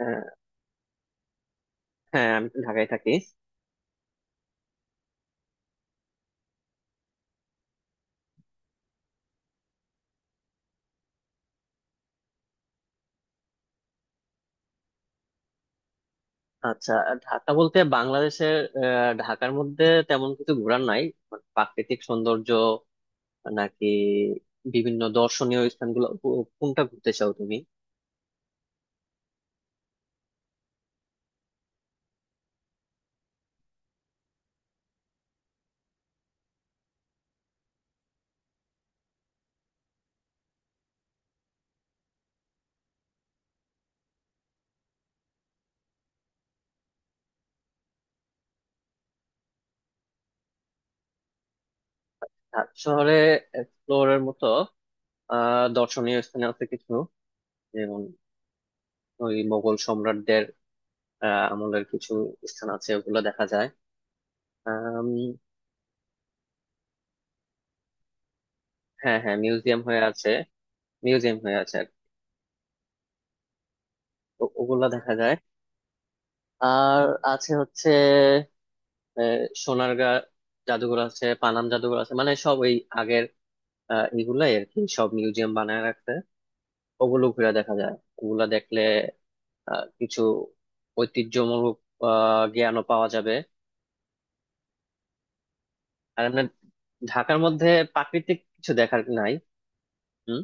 হ্যাঁ, হ্যাঁ, আমি তো ঢাকায় থাকি। আচ্ছা, ঢাকা বলতে বাংলাদেশের। ঢাকার মধ্যে তেমন কিছু ঘোরার নাই। মানে প্রাকৃতিক সৌন্দর্য নাকি বিভিন্ন দর্শনীয় স্থানগুলো, কোনটা ঘুরতে চাও তুমি? ঢাকা শহরে এক্সপ্লোরের মতো দর্শনীয় স্থান আছে কিছু, যেমন ওই মোগল সম্রাটদের আমলের কিছু স্থান আছে, ওগুলো দেখা যায়। আম, হ্যাঁ, হ্যাঁ, মিউজিয়াম হয়ে আছে। মিউজিয়াম হয়ে আছে আর কি। ওগুলো দেখা যায়। আর আছে হচ্ছে আহ, সোনারগাঁ জাদুঘর আছে, পানাম জাদুঘর আছে, মানে সব ওই আগের এগুলাই আর কি, সব মিউজিয়াম বানায় রাখছে। ওগুলো ঘুরে দেখা যায়। ওগুলা দেখলে কিছু ঐতিহ্যমূলক জ্ঞানও পাওয়া যাবে। আর এমনি ঢাকার মধ্যে প্রাকৃতিক কিছু দেখার নাই। হুম।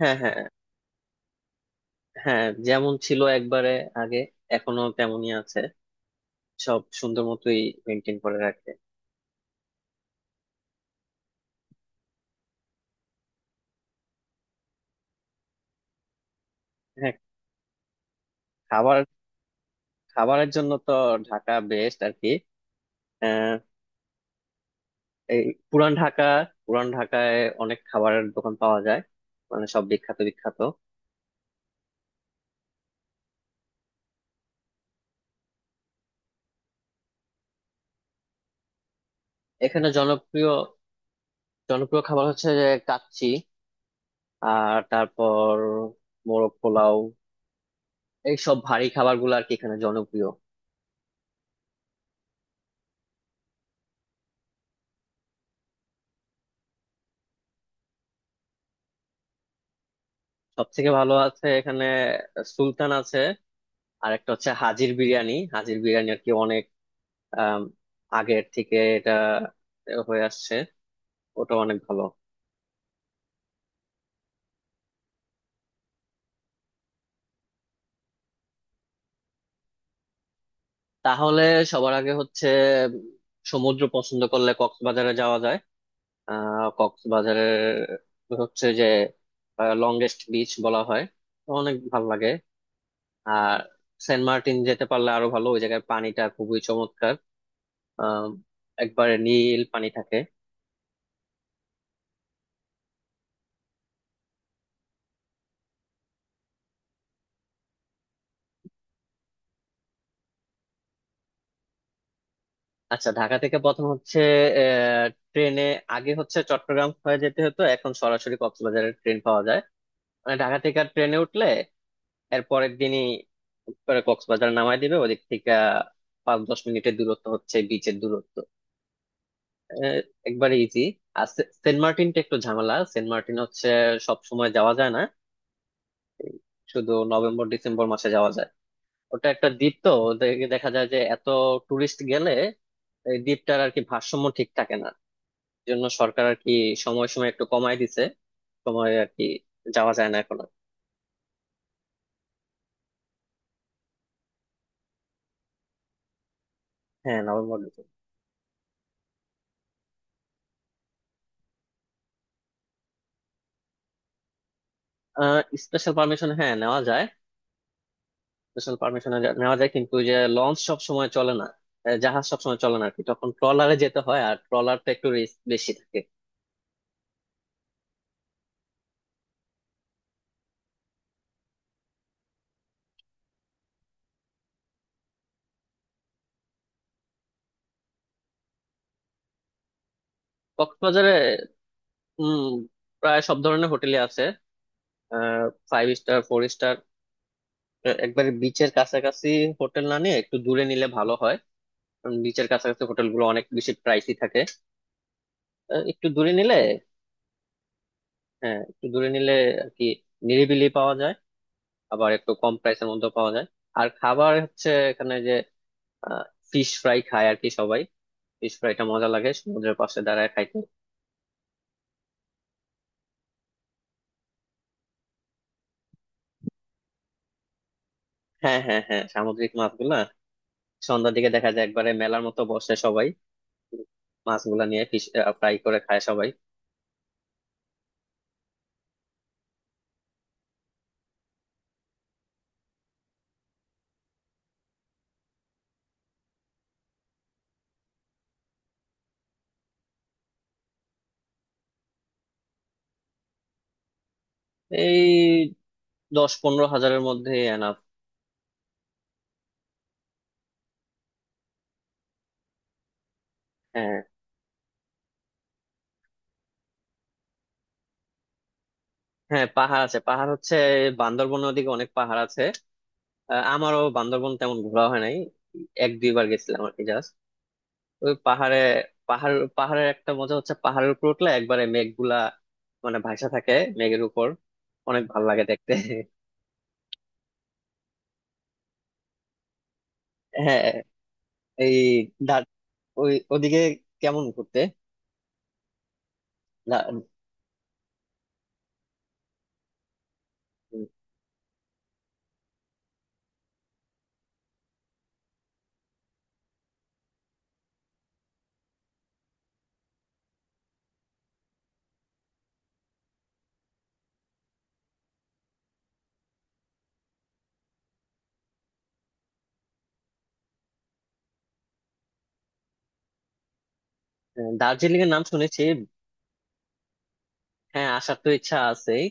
হ্যাঁ, হ্যাঁ, হ্যাঁ, যেমন ছিল একবারে আগে এখনো তেমনই আছে, সব সুন্দর মতোই মেনটেন করে রাখে। হ্যাঁ। খাবার, খাবারের জন্য তো ঢাকা বেস্ট আর কি। এই পুরান ঢাকা, পুরান ঢাকায় অনেক খাবারের দোকান পাওয়া যায়, মানে সব বিখ্যাত বিখ্যাত। এখানে জনপ্রিয় জনপ্রিয় খাবার হচ্ছে যে কাচ্চি, আর তারপর মোরগ পোলাও। এই সব ভারী খাবার গুলো আর কি এখানে জনপ্রিয়। সব থেকে ভালো আছে এখানে সুলতান আছে। আর একটা হচ্ছে হাজির বিরিয়ানি, হাজির বিরিয়ানি আর কি অনেক আম, আগের থেকে এটা হয়ে আসছে, ওটা অনেক ভালো। তাহলে সবার আগে হচ্ছে উম, সমুদ্র পছন্দ করলে কক্সবাজারে যাওয়া যায়। কক্সবাজারের হচ্ছে যে লংগেস্ট বিচ বলা হয়, তো অনেক ভালো লাগে। আর সেন্ট মার্টিন যেতে পারলে আরো ভালো, ওই জায়গার পানিটা খুবই চমৎকার, আহ একবারে নীল পানি থাকে। আচ্ছা, ঢাকা থেকে প্রথম হচ্ছে আহ ট্রেনে। আগে হচ্ছে চট্টগ্রাম হয়ে যেতে হতো, এখন সরাসরি কক্সবাজারের ট্রেন পাওয়া যায়। মানে ঢাকা থেকে ট্রেনে উঠলে এর পরের দিনই করে কক্সবাজার নামায় দিবে। ওদিক থেকে 5-10 মিনিটের দূরত্ব হচ্ছে বিচের দূরত্ব। আহ, একবারে ইজি। আর সেন্ট মার্টিনটা একটু ঝামেলা। সেন্ট মার্টিন হচ্ছে সব সময় যাওয়া যায় না, শুধু নভেম্বর ডিসেম্বর মাসে যাওয়া যায়। ওটা একটা দ্বীপ তো, দেখা যায় যে এত টুরিস্ট গেলে এই দ্বীপটার আর কি ভারসাম্য ঠিক থাকে না। এই জন্য সরকার আর কি সময় সময় একটু কমায় দিছে, সময় আর কি যাওয়া যায় না এখন আর। হ্যাঁ, নভেম্বর ডিসেম্বর। আহ স্পেশাল পারমিশন, হ্যাঁ, নেওয়া যায়। স্পেশাল পারমিশন নেওয়া যায় কিন্তু ওই যে লঞ্চ সব সময় চলে না, জাহাজ সব সময় চলে না আর কি, তখন ট্রলারে যেতে হয় আর ট্রলারটা একটু রিস্ক বেশি থাকে। কক্সবাজারে উম প্রায় সব ধরনের হোটেলই আছে, ফাইভ স্টার, ফোর স্টার। একবারে বিচের কাছাকাছি হোটেল না নিয়ে একটু দূরে নিলে ভালো হয়, কারণ বিচের কাছাকাছি হোটেলগুলো অনেক বেশি প্রাইসই থাকে। একটু দূরে নিলে, হ্যাঁ, একটু দূরে নিলে আর কি নিরিবিলি পাওয়া যায়, আবার একটু কম প্রাইসের মধ্যে পাওয়া যায়। আর খাবার হচ্ছে এখানে যে ফিশ ফ্রাই খায় আর কি সবাই, ফিশ ফ্রাইটা মজা লাগে সমুদ্রের পাশে দাঁড়ায় খাইতে। হ্যাঁ, হ্যাঁ, হ্যাঁ, সামুদ্রিক মাছগুলা সন্ধ্যার দিকে দেখা যায়, একবারে মেলার মতো বসে সবাই, মাছগুলা নিয়ে ফিশ ফ্রাই করে খায় সবাই। এই 10-15 হাজারের মধ্যে এনাফ। হ্যাঁ। হ্যাঁ, পাহাড় আছে। পাহাড় হচ্ছে বান্দরবনের ওদিকে অনেক পাহাড় আছে। আমারও বান্দরবন তেমন ঘোরা হয় নাই, এক দুইবার গেছিলাম আর কি, জাস্ট ওই পাহাড়ে। পাহাড়, পাহাড়ের একটা মজা হচ্ছে পাহাড়ের উপর উঠলে একবারে মেঘগুলা মানে ভাসা থাকে মেঘের উপর। অনেক ভালো লাগে দেখতে। হ্যাঁ। এই দা- ওই ওদিকে কেমন ঘুরতে দা- দার্জিলিং এর নাম শুনেছি। হ্যাঁ, আসার তো ইচ্ছা আছেই।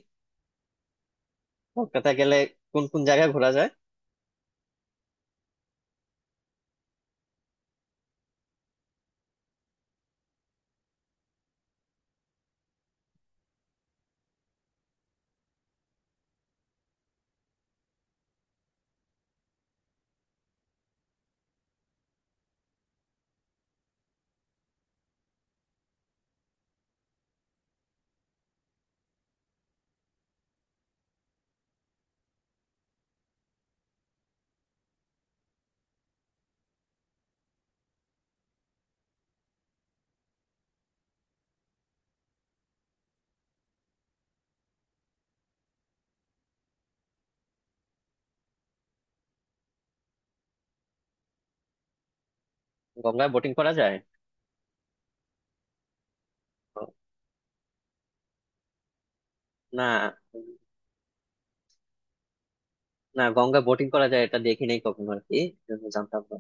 কলকাতা গেলে কোন কোন জায়গা ঘোরা যায়? গঙ্গায় বোটিং করা যায়? ও, না, না, গঙ্গা বোটিং করা যায় এটা দেখি নাই কখনো আর কি, এজন্য জানতাম না।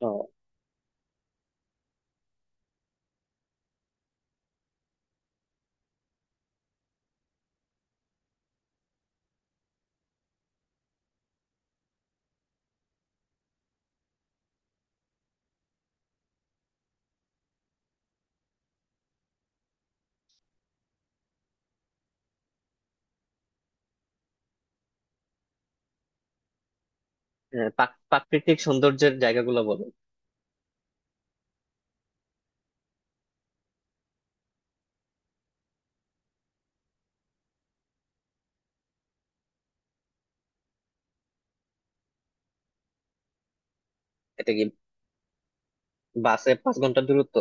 তো প্রাকৃতিক সৌন্দর্যের জায়গাগুলো বলো। এটা কি বাসে 5 ঘন্টা দূরত্ব?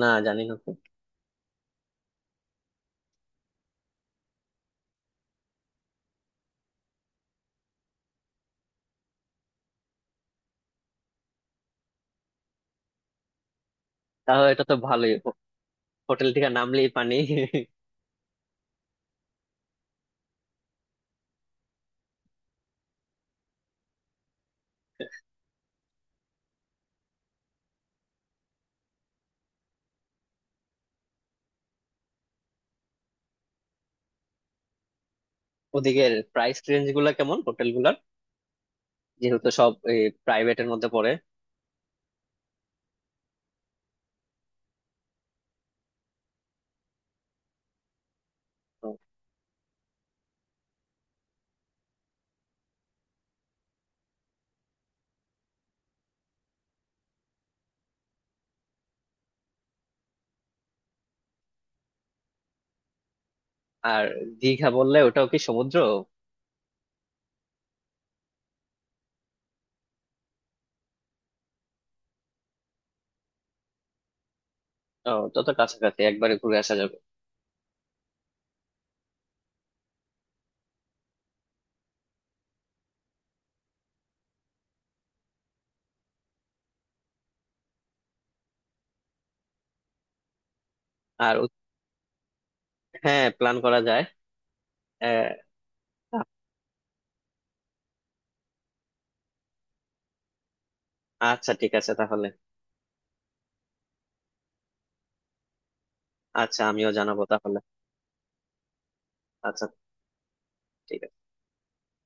না, জানি না তো। তাহলে এটা তো ভালোই হোটেল থেকে নামলেই পানি। ওদিকে প্রাইস রেঞ্জ গুলা কেমন হোটেল গুলার? যেহেতু সব প্রাইভেটের মধ্যে পড়ে। তো, আর দীঘা বললে ওটাও কি সমুদ্র? ও, তত কাছাকাছি একবারে ঘুরে আসা যাবে। আর, হ্যাঁ, প্ল্যান করা যায়। আহ, আচ্ছা, ঠিক আছে তাহলে। আচ্ছা, আমিও জানাবো তাহলে। আচ্ছা, ঠিক।